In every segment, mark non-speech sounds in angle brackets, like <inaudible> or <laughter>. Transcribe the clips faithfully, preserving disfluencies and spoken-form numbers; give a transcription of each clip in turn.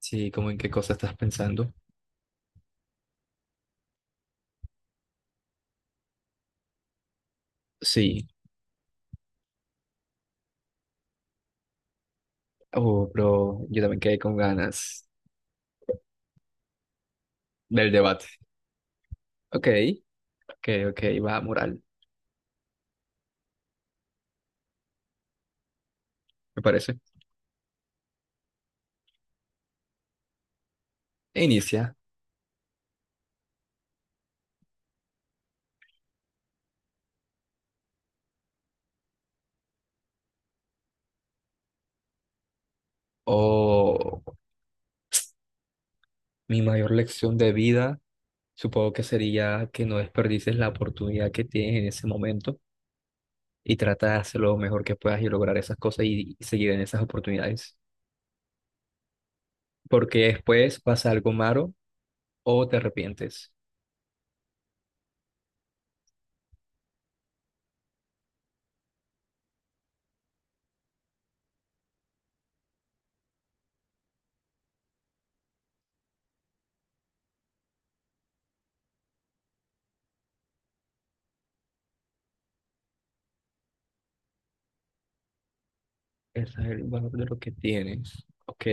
Sí, ¿como en qué cosa estás pensando? Sí, oh, pero yo también quedé con ganas del debate. Ok, ok, ok, va, moral, me parece. E inicia. Oh, mi mayor lección de vida, supongo que sería que no desperdices la oportunidad que tienes en ese momento y trata de hacer lo mejor que puedas y lograr esas cosas y, y seguir en esas oportunidades. Porque después pasa algo malo o te arrepientes. Ese es el valor de lo que tienes. Ok.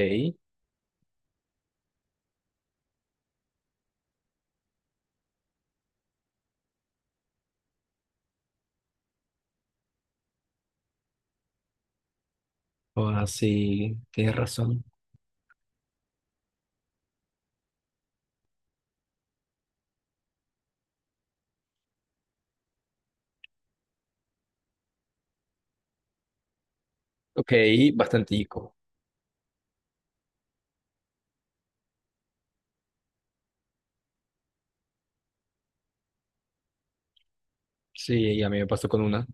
O así, tienes razón. Ok, bastantico. Sí, a mí me pasó con una.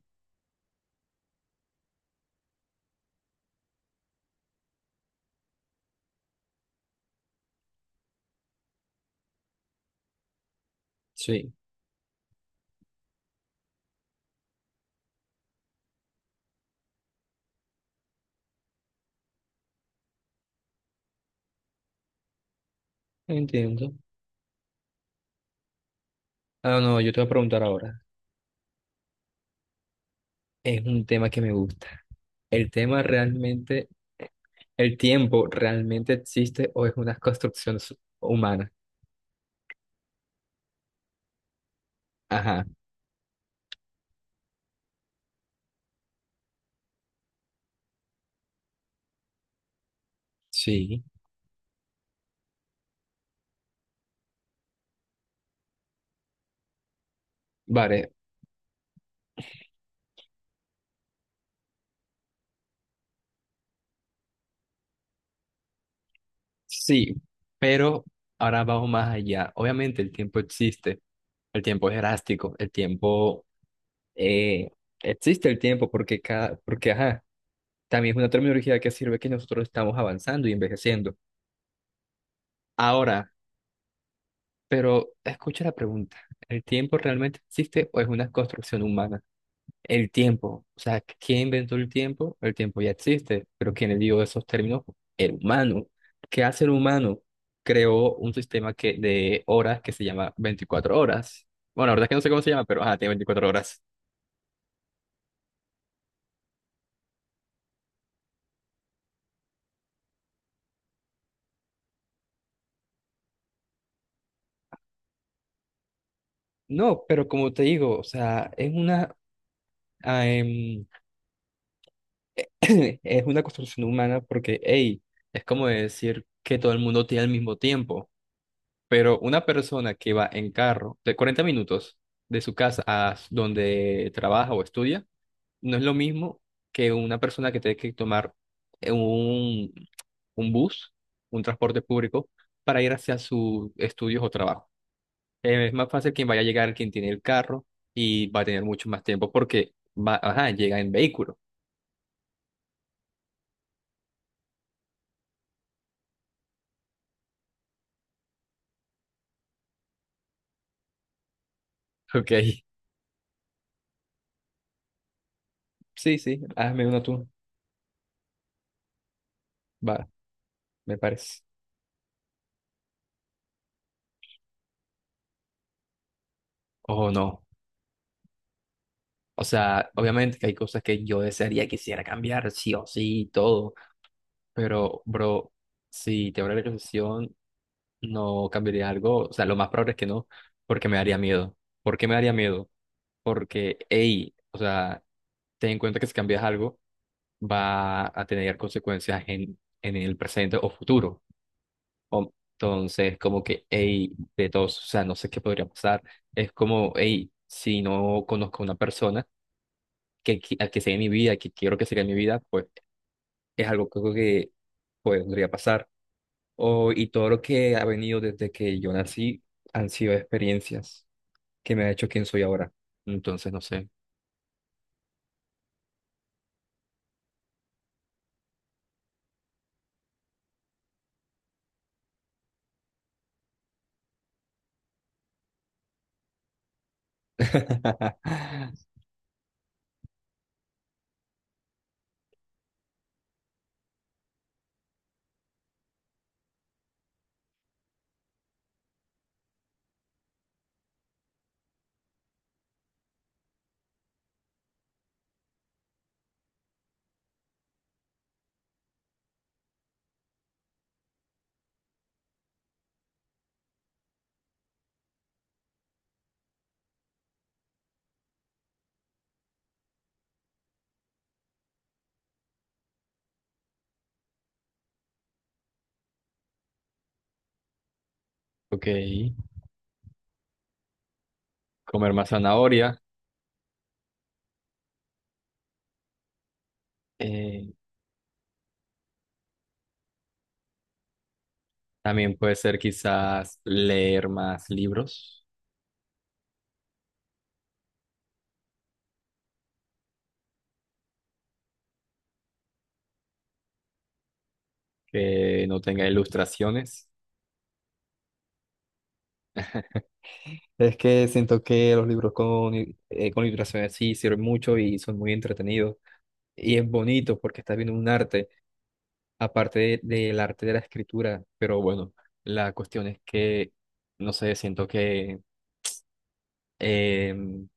Sí, entiendo. Ah, no, yo te voy a preguntar ahora. Es un tema que me gusta. ¿El tema realmente, el tiempo realmente existe o es una construcción su- humana? Ajá, sí. Vale, sí, pero ahora vamos más allá. Obviamente el tiempo existe. El tiempo es elástico, el tiempo eh, existe el tiempo porque cada, porque ajá, también es una terminología que sirve que nosotros estamos avanzando y envejeciendo. Ahora, pero escucha la pregunta. ¿El tiempo realmente existe o es una construcción humana? El tiempo, o sea, ¿quién inventó el tiempo? El tiempo ya existe, pero ¿quién le dio esos términos? El humano. ¿Qué hace el humano? Creó un sistema que, de horas que se llama veinticuatro horas. Bueno, la verdad es que no sé cómo se llama, pero ajá, tiene veinticuatro horas. No, pero como te digo, o sea, es una ah, em, <laughs> <clears throat> es una construcción humana porque, hey, es como decir que todo el mundo tiene el mismo tiempo, pero una persona que va en carro de cuarenta minutos de su casa a s- donde trabaja o estudia, no es lo mismo que una persona que tiene que tomar eh, un, un bus, un transporte público, para ir hacia sus estudios o trabajo. Eh, Es más fácil quien vaya a llegar, quien tiene el carro y va a tener mucho más tiempo porque va, ajá, llega en vehículo. <laughs> Ok, sí, sí, hazme uno tú. Va, me parece. O no. O sea, obviamente que hay cosas que yo desearía, quisiera cambiar, sí o sí, y todo. Pero, bro, si te abre la concesión, no cambiaría algo. O sea, lo más probable es que no, porque me daría miedo. ¿Por qué me daría miedo? Porque, hey, o sea, ten en cuenta que si cambias algo, va a tener consecuencias en, en el presente o futuro. O- Entonces, como que, hey, de todos, o sea, no sé qué podría pasar. Es como, hey, si no conozco a una persona que, qui- al que sea mi vida, que quiero que sea mi vida, pues es algo que, creo que pues, podría pasar. O, y todo lo que ha venido desde que yo nací han sido experiencias que me ha hecho quien soy ahora. Entonces, no sé. <laughs> Ok, comer más zanahoria. eh, También puede ser quizás leer más libros que no tenga ilustraciones. Es que siento que los libros con, i- eh, con ilustraciones sí sirven mucho y son muy entretenidos. Y es bonito porque estás viendo un arte, aparte de- del arte de la escritura. Pero bueno, la cuestión es que, no sé, siento que em,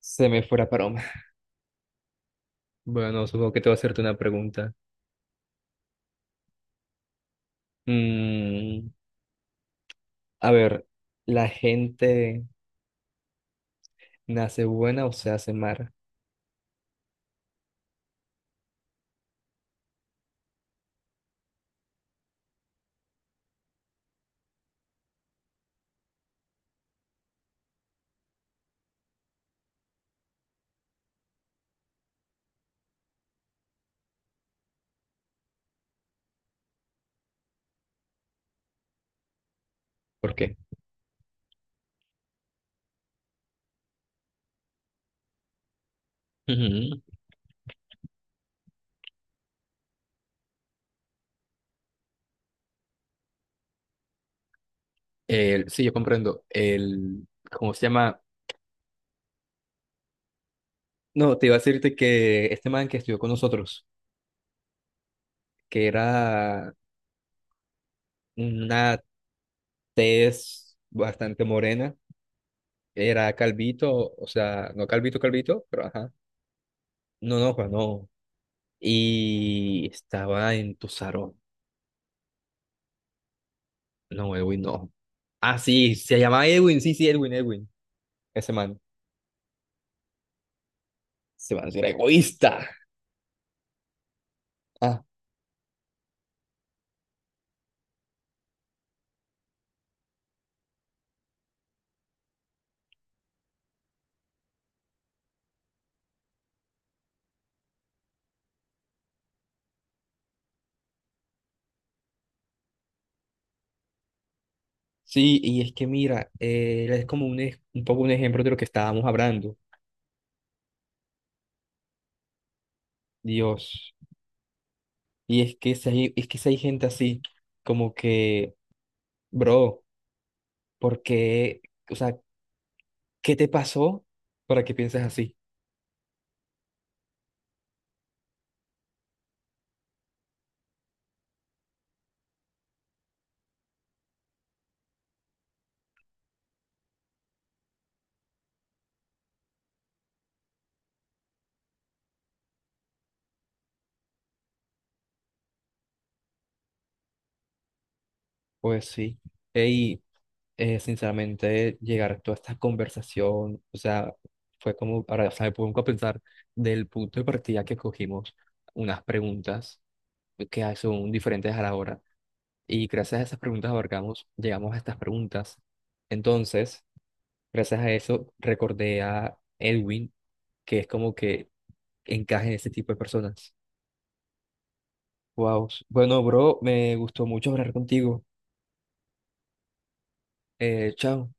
se me fuera paloma. <laughs> Bueno, supongo que te voy a hacerte una pregunta. Mm, a ver, ¿la gente nace buena o se hace mala? ¿Por qué? Ujú. El- sí, yo comprendo. El, ¿cómo se llama? No, te iba a decirte que este man que estudió con nosotros, que era una tez bastante morena, era calvito, o sea, no calvito, calvito, pero ajá, no, no, Juan, no. Y estaba en tu salón. No, Edwin, no. Ah, sí, se llama Edwin, sí, sí, Edwin, Edwin. Ese man, Ese man era egoísta. Ah, sí, y es que mira, él es como un, ej- un poco un ejemplo de lo que estábamos hablando. Dios. Y es que si hay, es que si hay gente así, como que, bro, ¿por qué? O sea, ¿qué te pasó para que pienses así? Pues sí. Y sinceramente, llegar a toda esta conversación, o sea, fue como para, o sea, me pongo a pensar del punto de partida que cogimos, unas preguntas que son diferentes a la hora. Y gracias a esas preguntas abarcamos, llegamos a estas preguntas. Entonces, gracias a eso, recordé a Edwin que es como que encaje en este tipo de personas. Wow. Bueno, bro, me gustó mucho hablar contigo. Eh, chao.